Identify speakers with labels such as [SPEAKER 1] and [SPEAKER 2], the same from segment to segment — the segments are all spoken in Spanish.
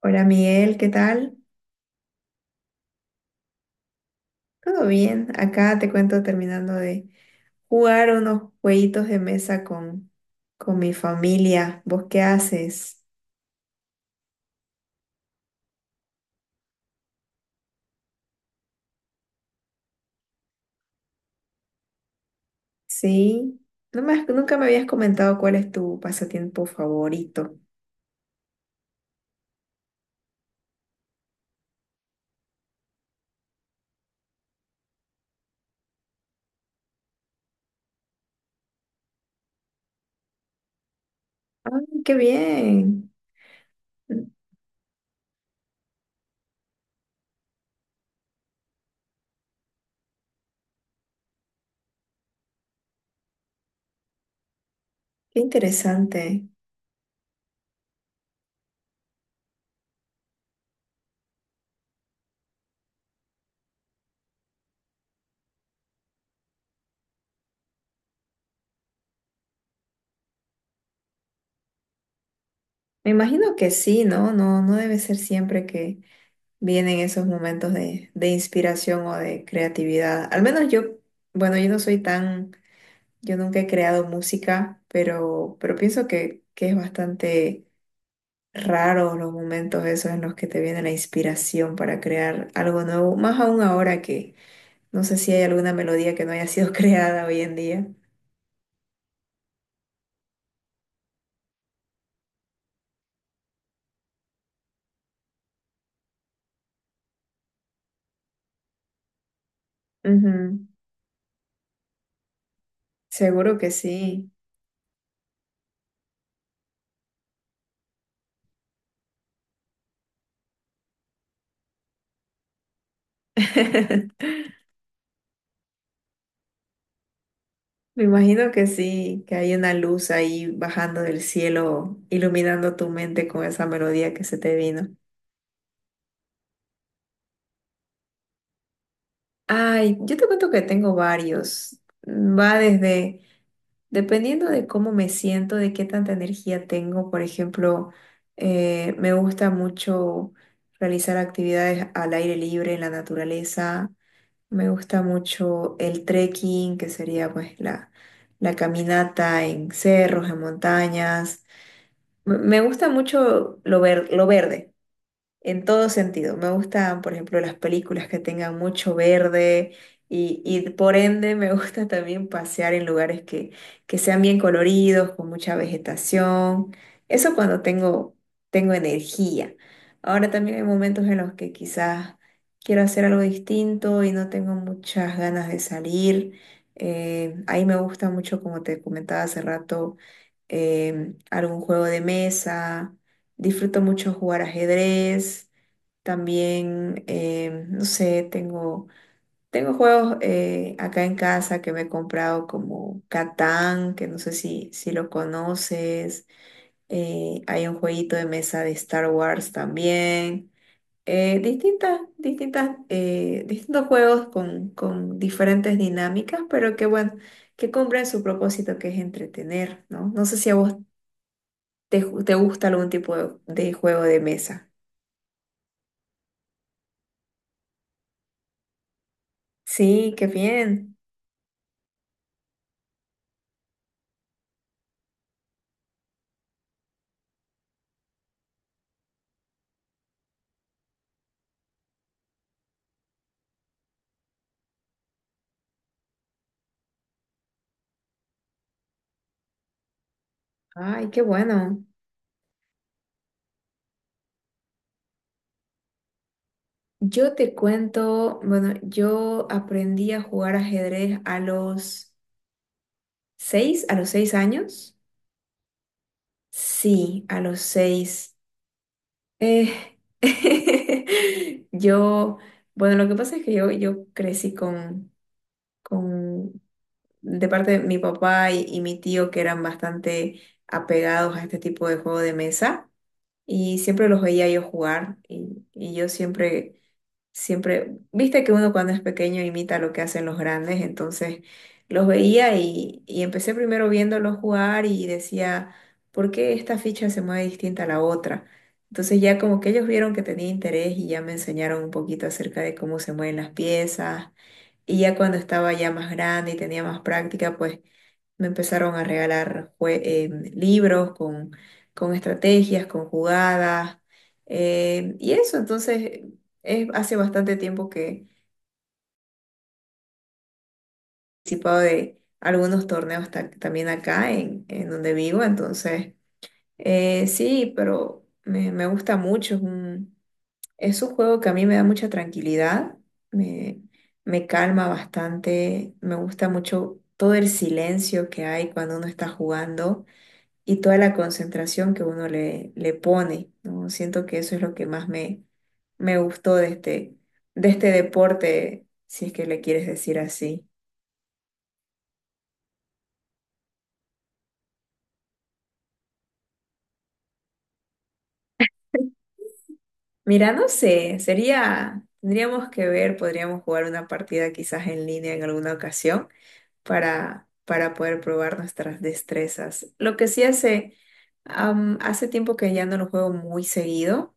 [SPEAKER 1] Hola Miguel, ¿qué tal? ¿Todo bien? Acá te cuento terminando de jugar unos jueguitos de mesa con mi familia. ¿Vos qué haces? Sí, nunca me habías comentado cuál es tu pasatiempo favorito. ¡Ay, qué bien! Qué interesante. Me imagino que sí, ¿no? No debe ser siempre que vienen esos momentos de inspiración o de creatividad. Al menos yo, bueno, yo no soy tan. Yo nunca he creado música, pero pienso que es bastante raro los momentos esos en los que te viene la inspiración para crear algo nuevo, más aún ahora que no sé si hay alguna melodía que no haya sido creada hoy en día. Ujú. Seguro que sí. Me imagino que sí, que hay una luz ahí bajando del cielo, iluminando tu mente con esa melodía que se te vino. Ay, yo te cuento que tengo varios. Va desde... Dependiendo de cómo me siento, de qué tanta energía tengo, por ejemplo, me gusta mucho realizar actividades al aire libre, en la naturaleza. Me gusta mucho el trekking, que sería pues la caminata en cerros, en montañas. Me gusta mucho lo verde en todo sentido. Me gustan, por ejemplo, las películas que tengan mucho verde y por ende me gusta también pasear en lugares que sean bien coloridos, con mucha vegetación. Eso cuando tengo energía. Ahora también hay momentos en los que quizás quiero hacer algo distinto y no tengo muchas ganas de salir. Ahí me gusta mucho, como te comentaba hace rato, algún juego de mesa. Disfruto mucho jugar ajedrez. También, no sé, tengo, tengo juegos acá en casa que me he comprado como Catán, que no sé si lo conoces. Hay un jueguito de mesa de Star Wars también. Distintos juegos con diferentes dinámicas, pero que bueno, que cumplen su propósito que es entretener, ¿no? No sé si a vos. Te gusta algún tipo de juego de mesa? Sí, qué bien. Ay, qué bueno. Yo te cuento, bueno, yo aprendí a jugar ajedrez a los a los seis años. Sí, a los 6. Eh, yo, bueno, lo que pasa es que yo crecí con, de parte de mi papá y mi tío que eran bastante apegados a este tipo de juego de mesa. Y siempre los veía yo jugar y siempre, viste que uno cuando es pequeño imita lo que hacen los grandes, entonces los veía y empecé primero viéndolos jugar y decía, ¿por qué esta ficha se mueve distinta a la otra? Entonces ya como que ellos vieron que tenía interés y ya me enseñaron un poquito acerca de cómo se mueven las piezas. Y ya cuando estaba ya más grande y tenía más práctica, pues me empezaron a regalar libros con estrategias, con jugadas, y eso, entonces, es, hace bastante tiempo que he participado de algunos torneos también acá en donde vivo, entonces, sí, pero me gusta mucho, es un juego que a mí me da mucha tranquilidad, me, me calma bastante, me gusta mucho todo el silencio que hay cuando uno está jugando y toda la concentración que uno le pone, ¿no? Siento que eso es lo que más me gustó de este deporte, si es que le quieres decir así. Mira, no sé, sería, tendríamos que ver, podríamos jugar una partida quizás en línea en alguna ocasión. Para para poder probar nuestras destrezas. Lo que sí hace, hace tiempo que ya no lo juego muy seguido,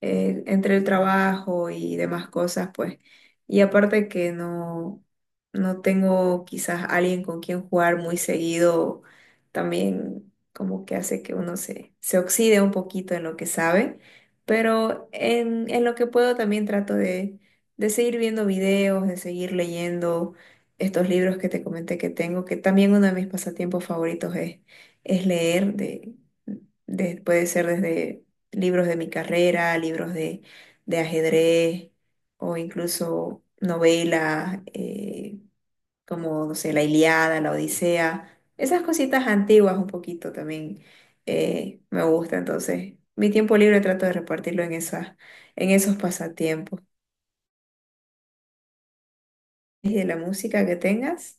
[SPEAKER 1] entre el trabajo y demás cosas, pues, y aparte que no tengo quizás alguien con quien jugar muy seguido, también como que hace que uno se oxide un poquito en lo que sabe, pero en lo que puedo también trato de seguir viendo videos, de seguir leyendo estos libros que te comenté que tengo, que también uno de mis pasatiempos favoritos es leer, puede ser desde libros de mi carrera, libros de ajedrez o incluso novelas como, no sé, La Ilíada, La Odisea, esas cositas antiguas un poquito también. Me gusta, entonces mi tiempo libre trato de repartirlo en esas, en esos pasatiempos. ¿Y de la música que tengas?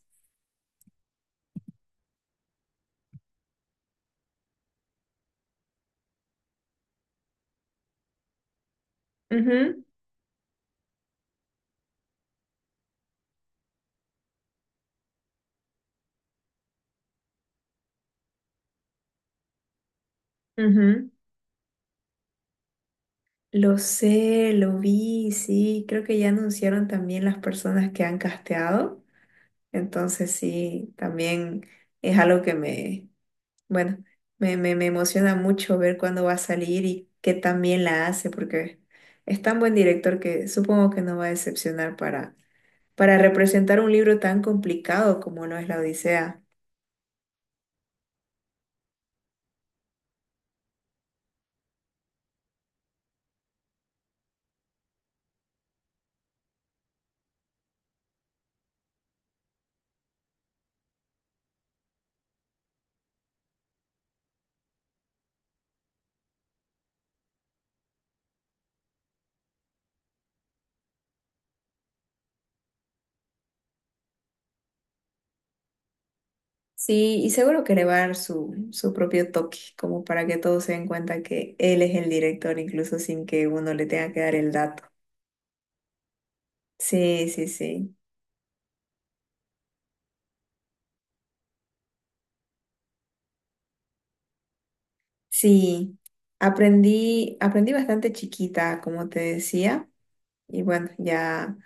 [SPEAKER 1] Ujú, ujú. Lo sé, lo vi, sí, creo que ya anunciaron también las personas que han casteado, entonces sí, también es algo que me, bueno, me emociona mucho ver cuándo va a salir y qué también la hace, porque es tan buen director que supongo que no va a decepcionar para representar un libro tan complicado como lo es la Odisea. Sí, y seguro que le va a dar su propio toque, como para que todos se den cuenta que él es el director, incluso sin que uno le tenga que dar el dato. Sí, sí, sí. Sí, aprendí bastante chiquita, como te decía, y bueno, ya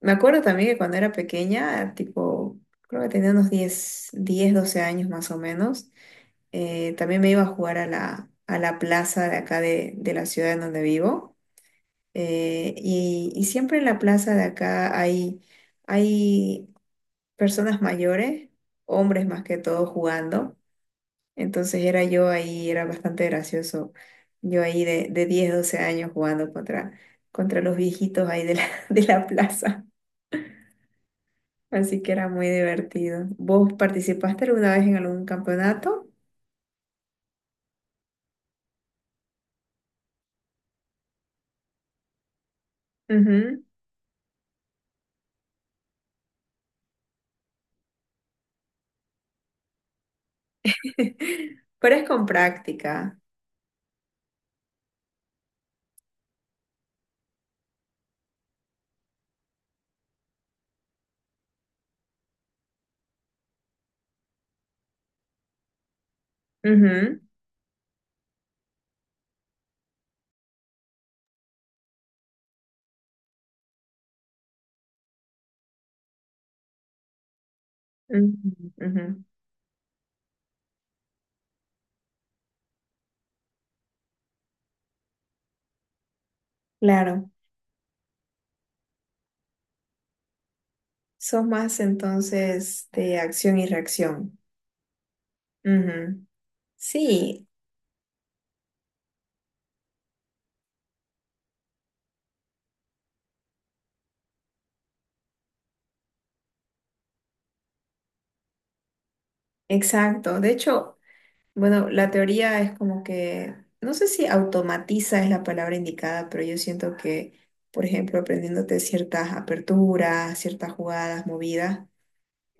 [SPEAKER 1] me acuerdo también que cuando era pequeña, tipo, creo que tenía unos 10, 12 años más o menos, también me iba a jugar a a la plaza de acá de la ciudad en donde vivo. Y siempre en la plaza de acá hay personas mayores, hombres más que todo jugando. Entonces era yo ahí, era bastante gracioso. Yo ahí de 10 12 años jugando contra los viejitos ahí de la, de la plaza. Así que era muy divertido. ¿Vos participaste alguna vez en algún campeonato? Ujú. Pero es con práctica. Ujú, ujú, ujú. Claro. Sos más entonces de acción y reacción. Ujú. Sí, exacto. De hecho, bueno, la teoría es como que, no sé si automatiza es la palabra indicada, pero yo siento que, por ejemplo, aprendiéndote ciertas aperturas, ciertas jugadas, movidas.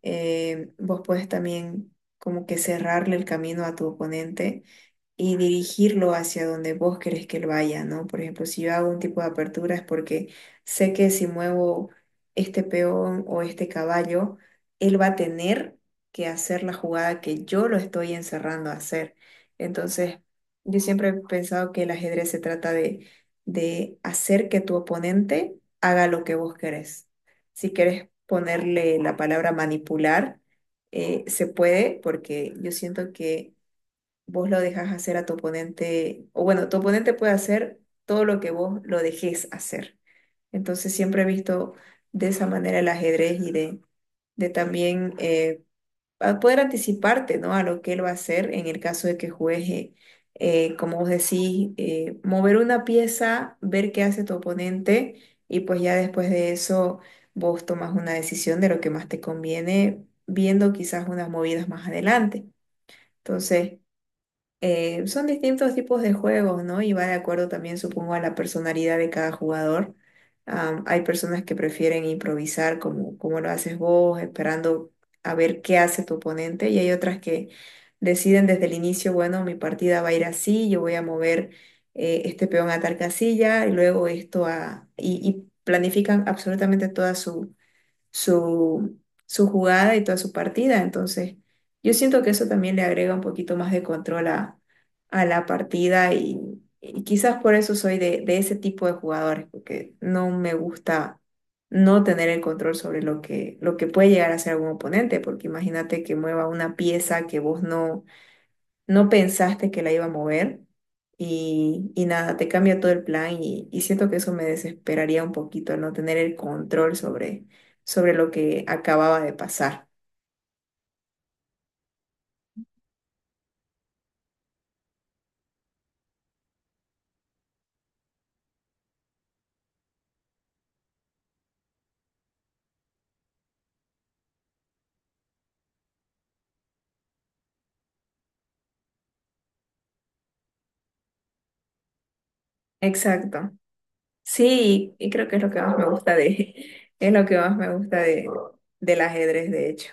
[SPEAKER 1] Vos puedes también como que cerrarle el camino a tu oponente y dirigirlo hacia donde vos querés que él vaya, ¿no? Por ejemplo, si yo hago un tipo de apertura es porque sé que si muevo este peón o este caballo, él va a tener que hacer la jugada que yo lo estoy encerrando a hacer. Entonces, yo siempre he pensado que el ajedrez se trata de hacer que tu oponente haga lo que vos querés si quieres ponerle la palabra manipular, se puede porque yo siento que vos lo dejas hacer a tu oponente, o bueno, tu oponente puede hacer todo lo que vos lo dejes hacer. Entonces siempre he visto de esa manera el ajedrez y de también a poder anticiparte, ¿no? A lo que él va a hacer en el caso de que juegue, como vos decís, mover una pieza, ver qué hace tu oponente y pues ya después de eso vos tomas una decisión de lo que más te conviene, viendo quizás unas movidas más adelante. Entonces, son distintos tipos de juegos, ¿no? Y va de acuerdo también, supongo, a la personalidad de cada jugador. Hay personas que prefieren improvisar como, como lo haces vos, esperando a ver qué hace tu oponente, y hay otras que deciden desde el inicio, bueno, mi partida va a ir así, yo voy a mover este peón a tal casilla, y luego esto a... y planifican absolutamente toda su, su jugada y toda su partida. Entonces, yo siento que eso también le agrega un poquito más de control a la partida y quizás por eso soy de ese tipo de jugadores, porque no me gusta no tener el control sobre lo que puede llegar a ser algún oponente, porque imagínate que mueva una pieza que vos no pensaste que la iba a mover y nada, te cambia todo el plan y siento que eso me desesperaría un poquito, el no tener el control sobre lo que acababa de pasar. Exacto. Sí, y creo que es lo que más me gusta de, es lo que más me gusta de, del ajedrez, de hecho.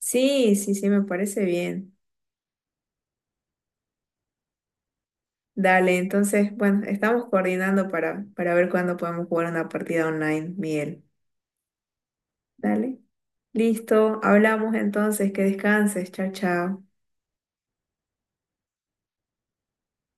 [SPEAKER 1] Sí, sí, sí, me parece bien. Dale, entonces, bueno, estamos coordinando para para ver cuándo podemos jugar una partida online, Miguel. Dale. Listo, hablamos entonces, que descanses, chao, chao.